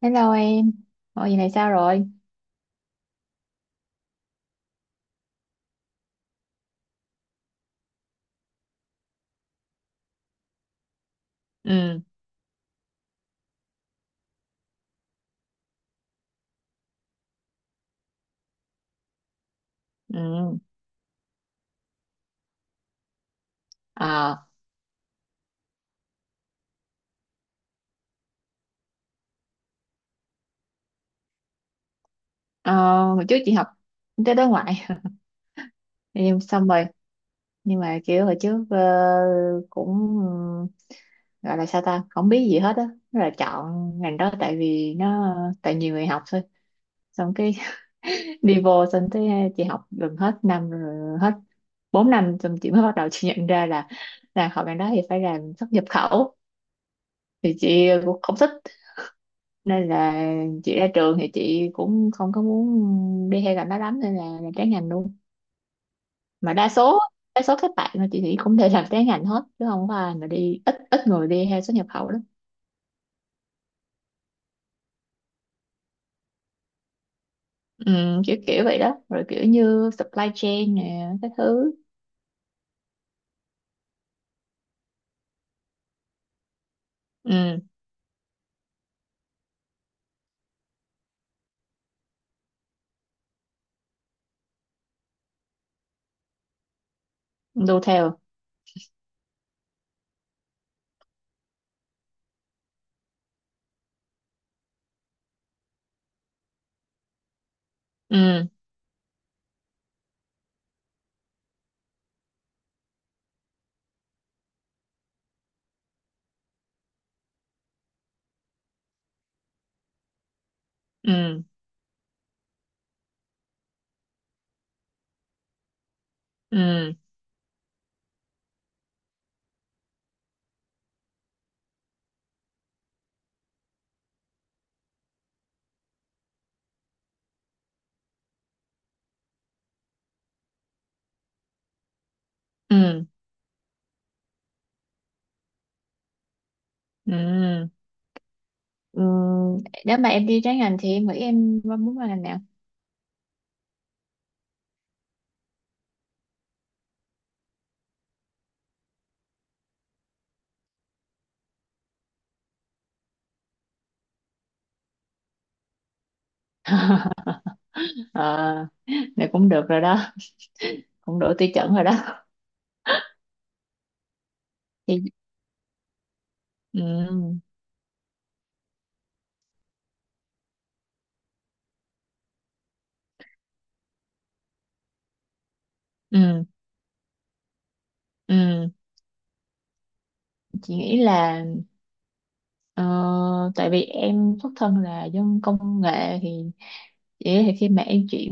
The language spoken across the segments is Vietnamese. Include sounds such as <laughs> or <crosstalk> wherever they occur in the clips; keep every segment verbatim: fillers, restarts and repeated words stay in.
Hello em, mọi gì này sao rồi? Ừ. Ừ. À. ờ, Hồi trước chị học kinh tế đối ngoại, em xong rồi, nhưng mà kiểu hồi trước ờ, cũng, ừ, gọi là sao ta, không biết gì hết á, là chọn ngành đó tại vì nó tại nhiều người học thôi, xong cái <laughs> đi vô xong tới chị học gần hết năm rồi, hết bốn năm xong chị mới bắt đầu chị nhận ra là là học ngành đó thì phải làm xuất nhập khẩu, thì chị cũng không thích nên là chị ra trường thì chị cũng không có muốn đi theo ngành đó lắm, nên là làm trái ngành luôn. Mà đa số đa số các bạn mà chị nghĩ cũng đều làm trái ngành hết, chứ không có ai mà đi, ít ít người đi theo xuất nhập khẩu lắm. Ừ, kiểu kiểu vậy đó, rồi kiểu như supply chain nè cái thứ. Ừ, đu theo. Ừ. Ừ. Ừ. Ừ. Ừ. Ừ, nếu mà em đi trái ngành thì em nghĩ em muốn qua ngành nào? <laughs> ờ Này cũng được rồi đó, cũng đủ tiêu chuẩn rồi đó thì. Ừ. Ừ. Ừ, chị nghĩ là, ờ, tại vì em xuất thân là dân công nghệ thì chị nghĩ thì khi mà em chuyển,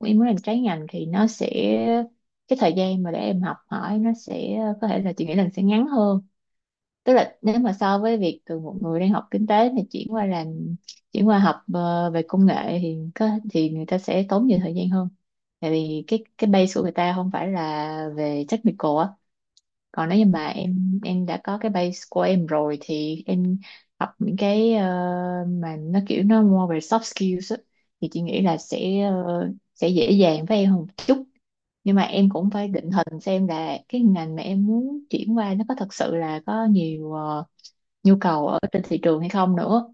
em muốn làm trái ngành thì nó sẽ, cái thời gian mà để em học hỏi nó sẽ có thể là, chị nghĩ là sẽ ngắn hơn. Tức là nếu mà so với việc từ một người đang học kinh tế thì chuyển qua làm chuyển qua học ờ, về công nghệ thì có, thì người ta sẽ tốn nhiều thời gian hơn, tại vì cái cái base của người ta không phải là về technical á. Còn nếu như mà em em đã có cái base của em rồi thì em học những cái, ờ, mà nó kiểu nó more về soft skills á, thì chị nghĩ là sẽ, ờ, sẽ dễ dàng với em hơn một chút. Nhưng mà em cũng phải định hình xem là cái ngành mà em muốn chuyển qua nó có thật sự là có nhiều, ờ, nhu cầu ở trên thị trường hay không nữa,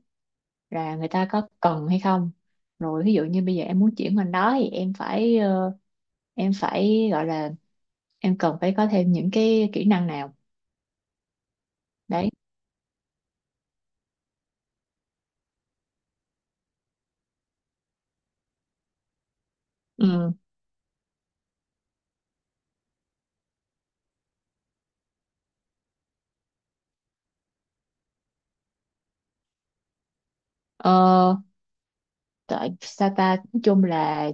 là người ta có cần hay không. Rồi ví dụ như bây giờ em muốn chuyển ngành đó thì em phải, ờ, em phải gọi là, em cần phải có thêm những cái kỹ năng nào đấy. Ừ, ờ, tại Sata nói chung là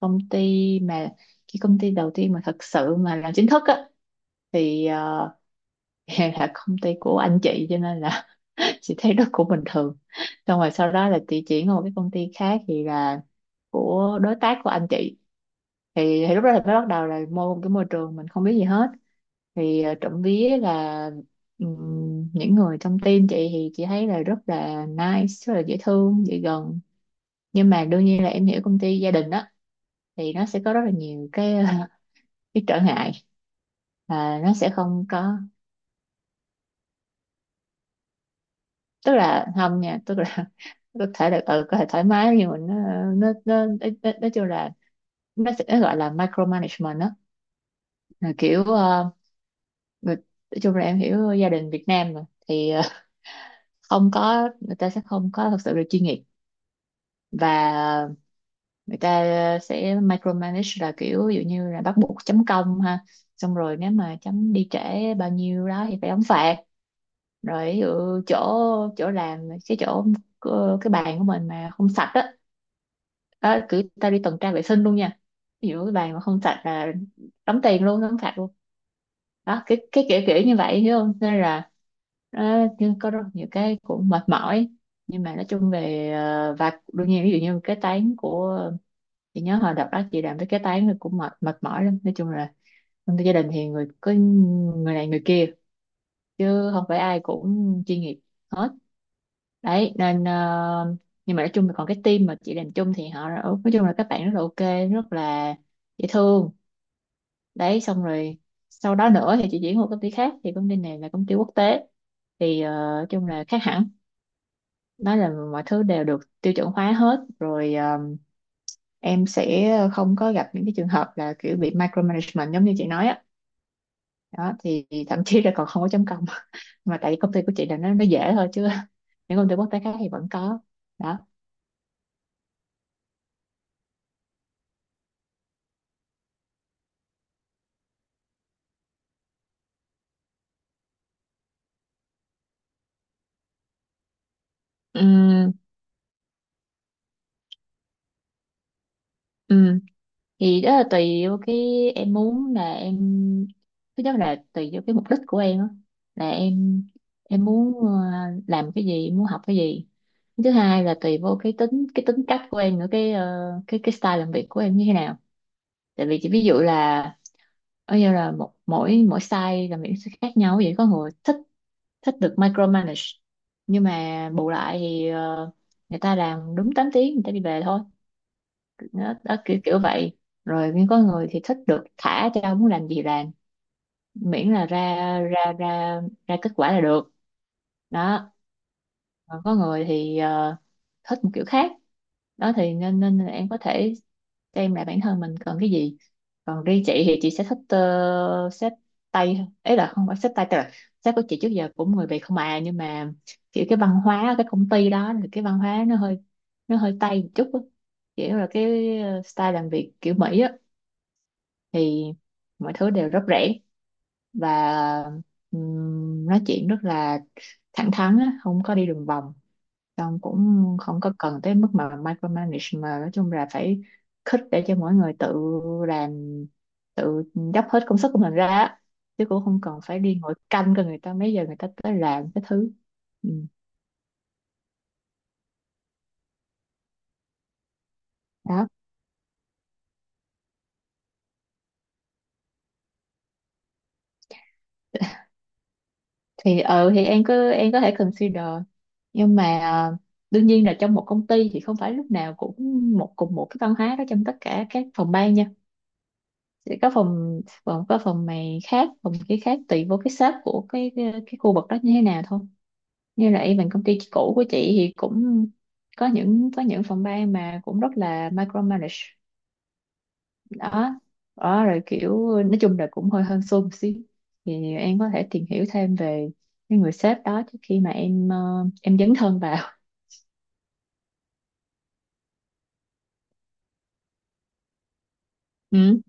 công ty mà, cái công ty đầu tiên mà thật sự mà làm chính thức á, thì ờ, <laughs> là công ty của anh chị, cho nên là <laughs> chị thấy nó cũng bình thường. Xong rồi sau đó là chị chuyển qua một cái công ty khác thì là của đối tác của anh chị, thì, thì lúc đó là mới bắt đầu là mô một cái môi trường mình không biết gì hết, thì uh, trộm vía là, ừm, những người trong team chị thì chị thấy là rất là nice, rất là dễ thương, dễ gần. Nhưng mà đương nhiên là em hiểu công ty gia đình đó, thì nó sẽ có rất là nhiều cái <laughs> cái trở ngại. À, nó sẽ không có, tức là không nha, tức là <laughs> có thể là, ừ, có thể thoải mái, nhưng mà nó nó nó nó- nó- nói chung là, nó sẽ nó gọi là micromanagement đó. Là kiểu, ờ, người, nói chung là em hiểu gia đình Việt Nam mà, thì ờ, không có, người ta sẽ không có thật sự là chuyên nghiệp. Và người ta ờ, sẽ micromanage, là kiểu ví dụ như là bắt buộc chấm công ha, xong rồi nếu mà chấm đi trễ bao nhiêu đó thì phải đóng phạt. Rồi ví dụ chỗ chỗ làm cái chỗ, ờ, cái bàn của mình mà không sạch á, đó, cứ ta đi tuần tra vệ sinh luôn nha. Ví dụ cái bàn mà không sạch là đóng tiền luôn, đóng phạt luôn. Đó, cái cái kiểu kiểu như vậy, hiểu không. Thế nên là nó có rất nhiều cái cũng mệt mỏi. Nhưng mà nói chung về, ờ, và đương nhiên ví dụ như cái tán của, chị nhớ hồi đợt đó chị làm cái cái tán thì cũng mệt mệt mỏi lắm. Nói chung là trong gia đình thì người có người này người kia, chứ không phải ai cũng chuyên nghiệp hết. Đấy nên ờ, nhưng mà nói chung là còn cái team mà chị làm chung thì họ, nói chung là các bạn rất là ok, rất là dễ thương. Đấy xong rồi sau đó nữa thì chị chuyển qua công ty khác, thì công ty này là công ty quốc tế, thì ờ, nói chung là khác hẳn. Đó là mọi thứ đều được tiêu chuẩn hóa hết rồi, ờ, em sẽ không có gặp những cái trường hợp là kiểu bị micromanagement giống như chị nói á. Đó thì thậm chí là còn không có chấm công, <laughs> mà tại vì công ty của chị là nó nó dễ thôi, chứ <laughs> những công ty quốc tế khác thì vẫn có. Đó. Ừ thì đó là tùy vô cái em muốn, là em, thứ nhất là tùy vô cái mục đích của em á, là em em muốn ờ, làm cái gì, muốn học cái gì. Thứ hai là tùy vô cái tính, cái tính cách của em nữa, cái ờ, cái cái style làm việc của em như thế nào. Tại vì chỉ ví dụ là, ở như là một mỗi mỗi style làm việc sẽ khác nhau vậy, có người thích thích được micromanage, nhưng mà bù lại thì, ờ, người ta làm đúng tám tiếng người ta đi về thôi. Đó, đó kiểu kiểu vậy. Rồi nhưng có người thì thích được thả cho muốn làm gì làm, miễn là ra ra ra ra kết quả là được. Đó. Còn có người thì ờ, thích một kiểu khác. Đó thì nên nên là em có thể xem lại bản thân mình cần cái gì. Còn riêng chị thì chị sẽ thích, uh, xếp tay hơn. Ấy là không phải xếp tay, tức là sếp của chị trước giờ cũng người Việt không à, nhưng mà kiểu cái văn hóa ở cái công ty đó thì cái văn hóa nó hơi, nó hơi tây một chút á. Kiểu là cái, ờ, style làm việc kiểu Mỹ á, thì mọi thứ đều rất rẻ, và ừm, nói chuyện rất là thẳng thắn á, không có đi đường vòng, xong cũng không có cần tới mức mà micromanage, mà nói chung là phải khích để cho mỗi người tự làm, tự dốc hết công sức của mình ra á. Chứ cũng không cần phải đi ngồi canh cho người ta mấy giờ người ta tới làm cái thứ. Ừ. Đó thì, ừ thì em cứ, em có thể consider, nhưng mà ờ, đương nhiên là trong một công ty thì không phải lúc nào cũng một cùng một cái văn hóa đó trong tất cả các phòng ban nha. Sẽ có phòng phòng, có phòng này khác, phòng kia khác, tùy vô cái sếp của cái cái, cái khu vực đó như thế nào thôi. Như là even công ty cũ của chị thì cũng có những, có những phòng ban mà cũng rất là micromanage. Đó. Đó rồi kiểu nói chung là cũng hơi hơn xô một xíu. Thì em có thể tìm hiểu thêm về cái người sếp đó trước khi mà em, ờ, em dấn thân vào. Ừ.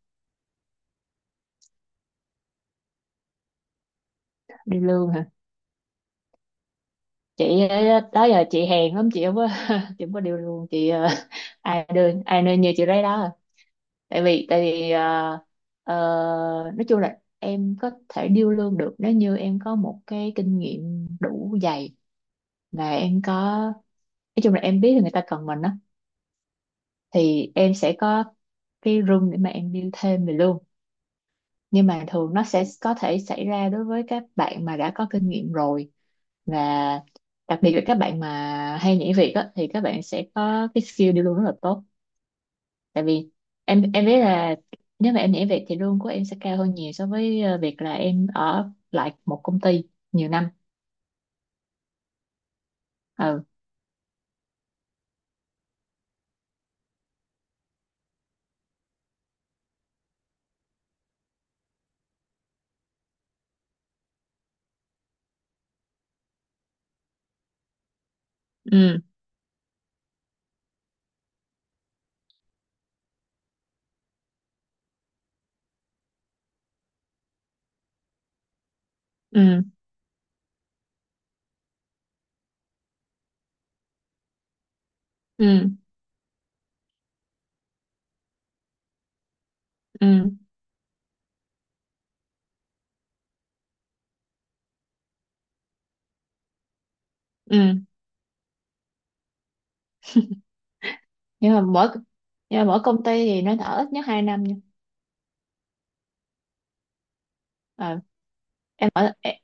Đi lương hả? Chị ờ, đó giờ chị hèn lắm, chị không có <laughs> chị không có điều lương, chị ờ, ai đưa ai nên như chị đấy đó à. Tại vì tại vì ờ, ờ, nói chung là em có thể điêu lương được nếu như em có một cái kinh nghiệm đủ dày, và em có, nói chung là em biết là người ta cần mình đó, thì em sẽ có cái room để mà em build thêm về luôn. Nhưng mà thường nó sẽ có thể xảy ra đối với các bạn mà đã có kinh nghiệm rồi, và đặc biệt là các bạn mà hay nhảy việc á thì các bạn sẽ có cái skill đi luôn rất là tốt, tại vì em em biết là, nếu mà em nhảy việc thì lương của em sẽ cao hơn nhiều so với ờ, việc là em ở lại một công ty nhiều năm. Ừ. Ừ. Ừ. Ừ. Ừ. Ừ. nhưng mà mỗi nhưng mà mỗi công ty thì nó ở ít nhất hai năm. Ờ, em ở e-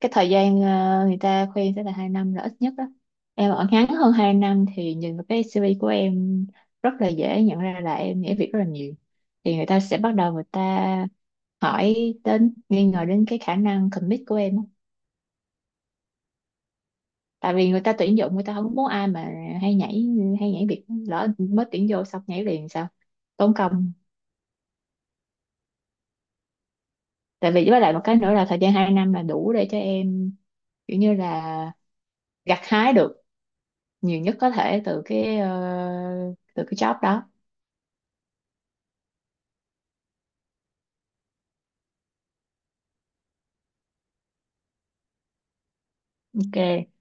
cái thời gian, ờ, người ta khuyên sẽ là hai năm là ít nhất đó. Em ở ngắn hơn hai năm thì nhìn vào cái xê vê của em rất là dễ nhận ra là em nhảy việc rất là nhiều, thì người ta sẽ bắt đầu người ta hỏi đến, nghi ngờ đến cái khả năng commit của em á. Tại vì người ta tuyển dụng người ta không muốn ai mà hay nhảy hay nhảy việc, lỡ mới tuyển vô xong nhảy liền sao, tốn công. Tại vì với lại một cái nữa là thời gian hai năm là đủ để cho em kiểu như là gặt hái được nhiều nhất có thể từ cái, ờ, từ cái job đó. Ok,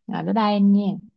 rồi bye bye anh nha.